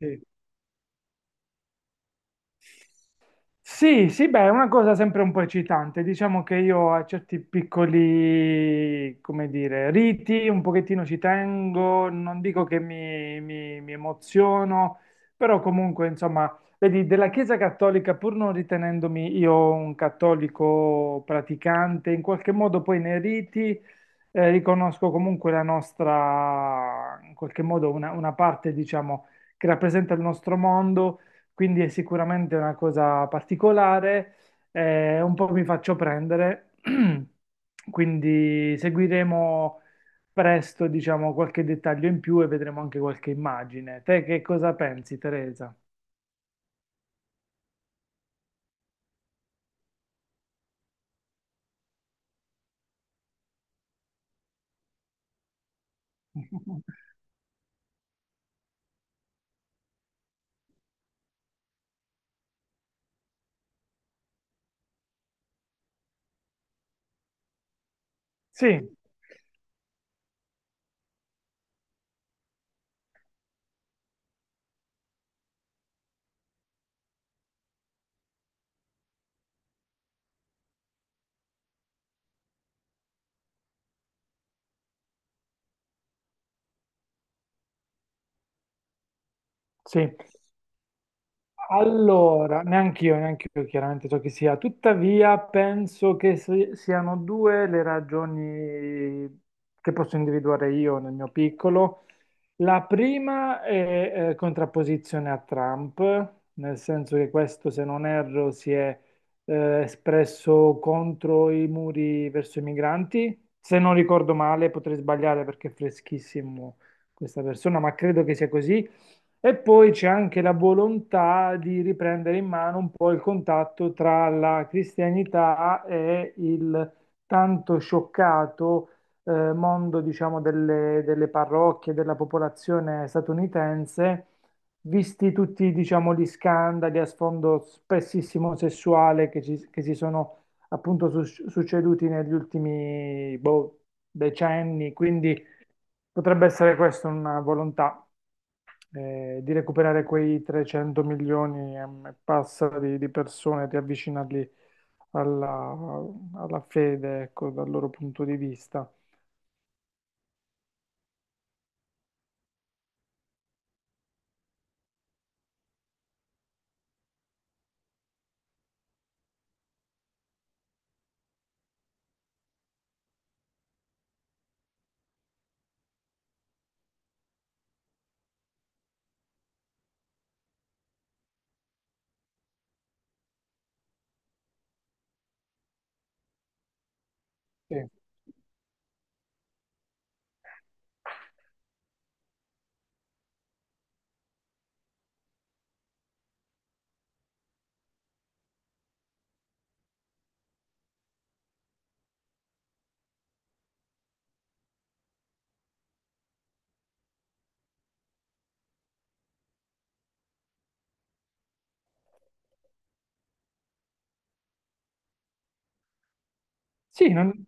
Sì. Sì, sì, beh, è una cosa sempre un po' eccitante. Diciamo che io a certi piccoli, come dire, riti un pochettino ci tengo, non dico che mi emoziono, però comunque, insomma, vedi, della Chiesa Cattolica, pur non ritenendomi io un cattolico praticante, in qualche modo poi nei riti riconosco comunque la nostra, in qualche modo, una parte, diciamo, che rappresenta il nostro mondo, quindi è sicuramente una cosa particolare, un po' mi faccio prendere, quindi seguiremo presto, diciamo, qualche dettaglio in più e vedremo anche qualche immagine. Te che cosa pensi, Teresa? Sì, sì. Allora, neanche io chiaramente so chi sia, tuttavia penso che siano due le ragioni che posso individuare io nel mio piccolo. La prima è contrapposizione a Trump, nel senso che questo, se non erro, si è espresso contro i muri verso i migranti. Se non ricordo male, potrei sbagliare perché è freschissimo questa persona, ma credo che sia così. E poi c'è anche la volontà di riprendere in mano un po' il contatto tra la cristianità e il tanto scioccato mondo, diciamo, delle parrocchie, della popolazione statunitense, visti tutti, diciamo, gli scandali a sfondo spessissimo sessuale che si sono appunto succeduti negli ultimi boh, decenni. Quindi potrebbe essere questa una volontà di recuperare quei 300 milioni e passa di persone, di avvicinarli alla, alla fede, ecco, dal loro punto di vista. Sì. Sì, non-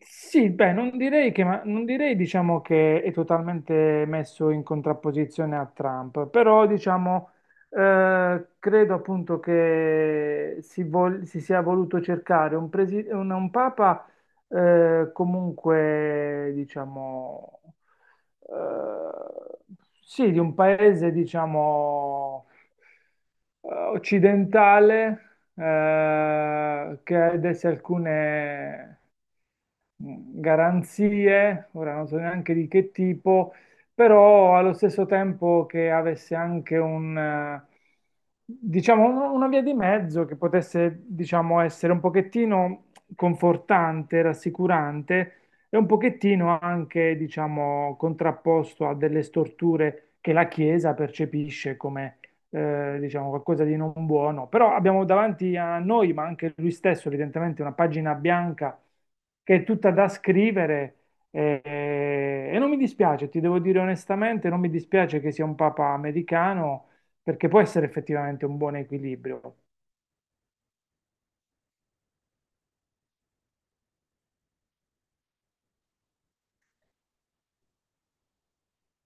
Sì, beh, non direi, diciamo, che è totalmente messo in contrapposizione a Trump, però diciamo, credo appunto che si sia voluto cercare un papa comunque, diciamo, eh, sì, di un paese, diciamo, occidentale che ha desse alcune garanzie, ora non so neanche di che tipo, però allo stesso tempo che avesse anche un, diciamo, una via di mezzo che potesse, diciamo, essere un pochettino confortante, rassicurante e un pochettino anche, diciamo, contrapposto a delle storture che la Chiesa percepisce come diciamo qualcosa di non buono, però abbiamo davanti a noi, ma anche lui stesso, evidentemente una pagina bianca che è tutta da scrivere e, e non mi dispiace, ti devo dire onestamente, non mi dispiace che sia un papa americano perché può essere effettivamente un buon equilibrio.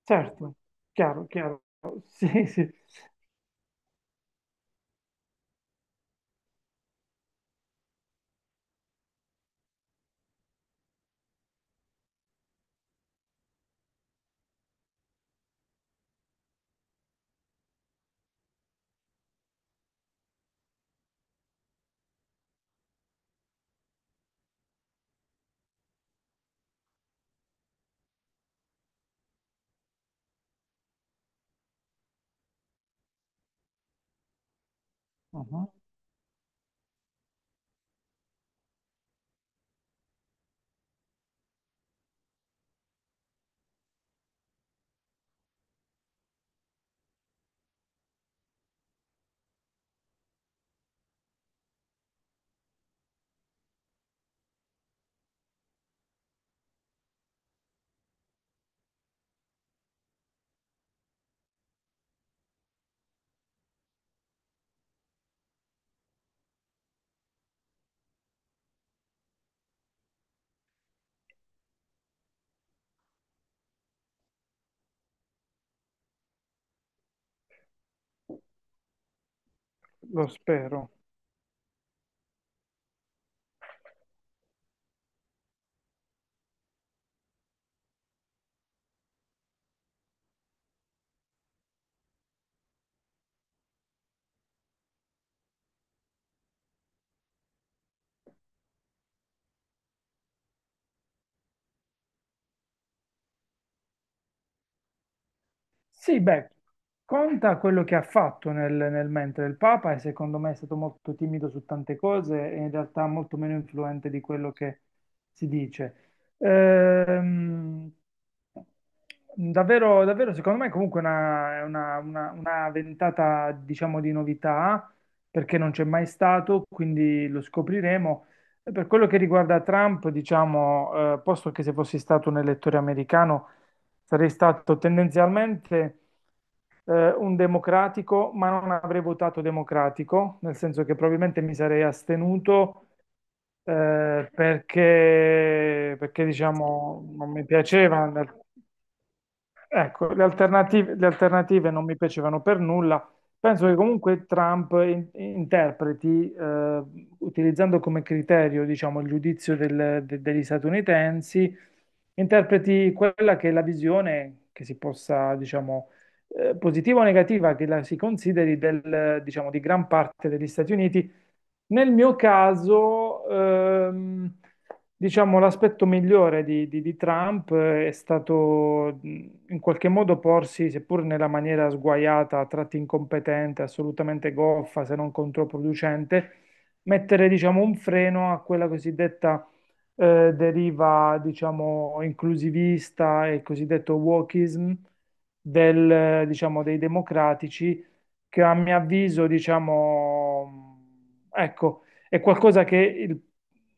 Certo, chiaro, chiaro. Sì, sì. Mhm. Lo spero. Sì, beh, conta quello che ha fatto nel, nel mentre il Papa e secondo me è stato molto timido su tante cose e in realtà molto meno influente di quello che si dice. Ehm, davvero, davvero, secondo me comunque è una, una ventata, diciamo, di novità perché non c'è mai stato, quindi lo scopriremo. E per quello che riguarda Trump, diciamo, posto che se fossi stato un elettore americano, sarei stato tendenzialmente un democratico, ma non avrei votato democratico, nel senso che probabilmente mi sarei astenuto perché, diciamo, non mi piaceva. Ecco, le alternative non mi piacevano per nulla. Penso che comunque Trump interpreti, utilizzando come criterio, diciamo, il giudizio degli statunitensi, interpreti quella che è la visione che si possa, diciamo, positiva o negativa che la si consideri del, diciamo, di gran parte degli Stati Uniti nel mio caso, diciamo, l'aspetto migliore di Trump è stato in qualche modo porsi, seppur nella maniera sguaiata, a tratti incompetente, assolutamente goffa, se non controproducente, mettere, diciamo, un freno a quella cosiddetta deriva, diciamo, inclusivista e il cosiddetto wokeism del, diciamo, dei democratici che a mio avviso, diciamo, ecco, è qualcosa che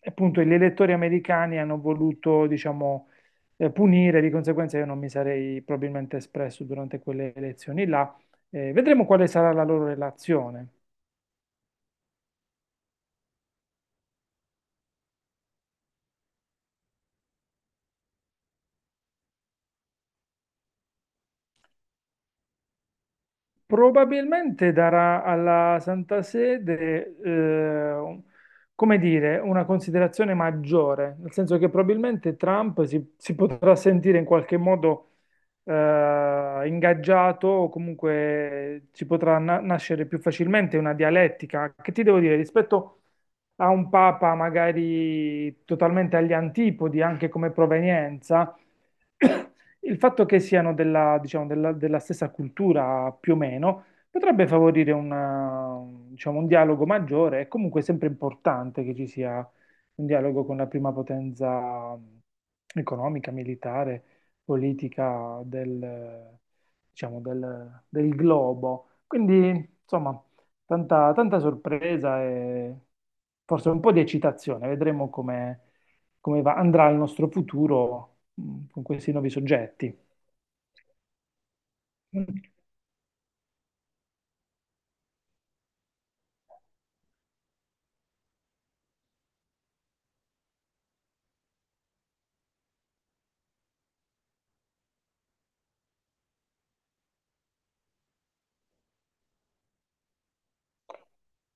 appunto gli elettori americani hanno voluto, diciamo, punire, di conseguenza io non mi sarei probabilmente espresso durante quelle elezioni là. Vedremo quale sarà la loro relazione. Probabilmente darà alla Santa Sede, come dire, una considerazione maggiore, nel senso che probabilmente Trump si potrà sentire in qualche modo ingaggiato o comunque ci potrà nascere più facilmente una dialettica, che ti devo dire, rispetto a un papa magari totalmente agli antipodi, anche come provenienza, il fatto che siano della, diciamo, della stessa cultura più o meno potrebbe favorire diciamo, un dialogo maggiore. È comunque sempre importante che ci sia un dialogo con la prima potenza economica, militare, politica del, diciamo, del globo. Quindi, insomma, tanta sorpresa e forse un po' di eccitazione. Vedremo come, andrà il nostro futuro con questi nuovi soggetti. Mm.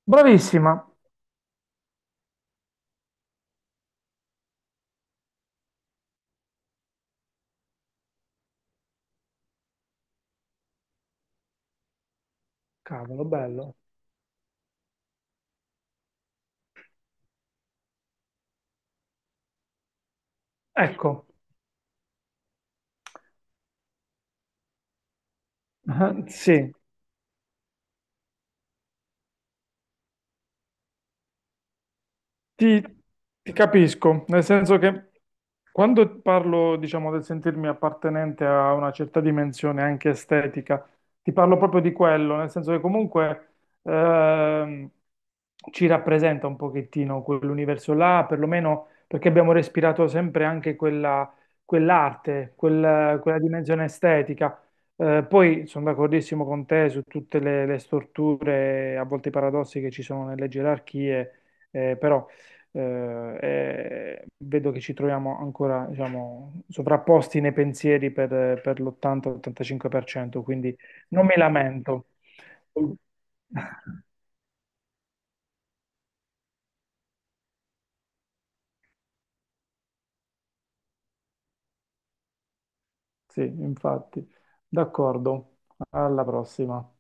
Bravissima! Cavolo, bello. Ecco, sì. Ti, ti capisco, nel senso che quando parlo, diciamo, del sentirmi appartenente a una certa dimensione anche estetica, ti parlo proprio di quello, nel senso che comunque ehm, ci rappresenta un pochettino quell'universo là, perlomeno perché abbiamo respirato sempre anche quella, quell'arte, quella dimensione estetica. Poi sono d'accordissimo con te su tutte le storture, a volte i paradossi che ci sono nelle gerarchie, però e vedo che ci troviamo ancora, diciamo, sovrapposti nei pensieri per l'80-85%, quindi non mi lamento. Sì, infatti. D'accordo. Alla prossima.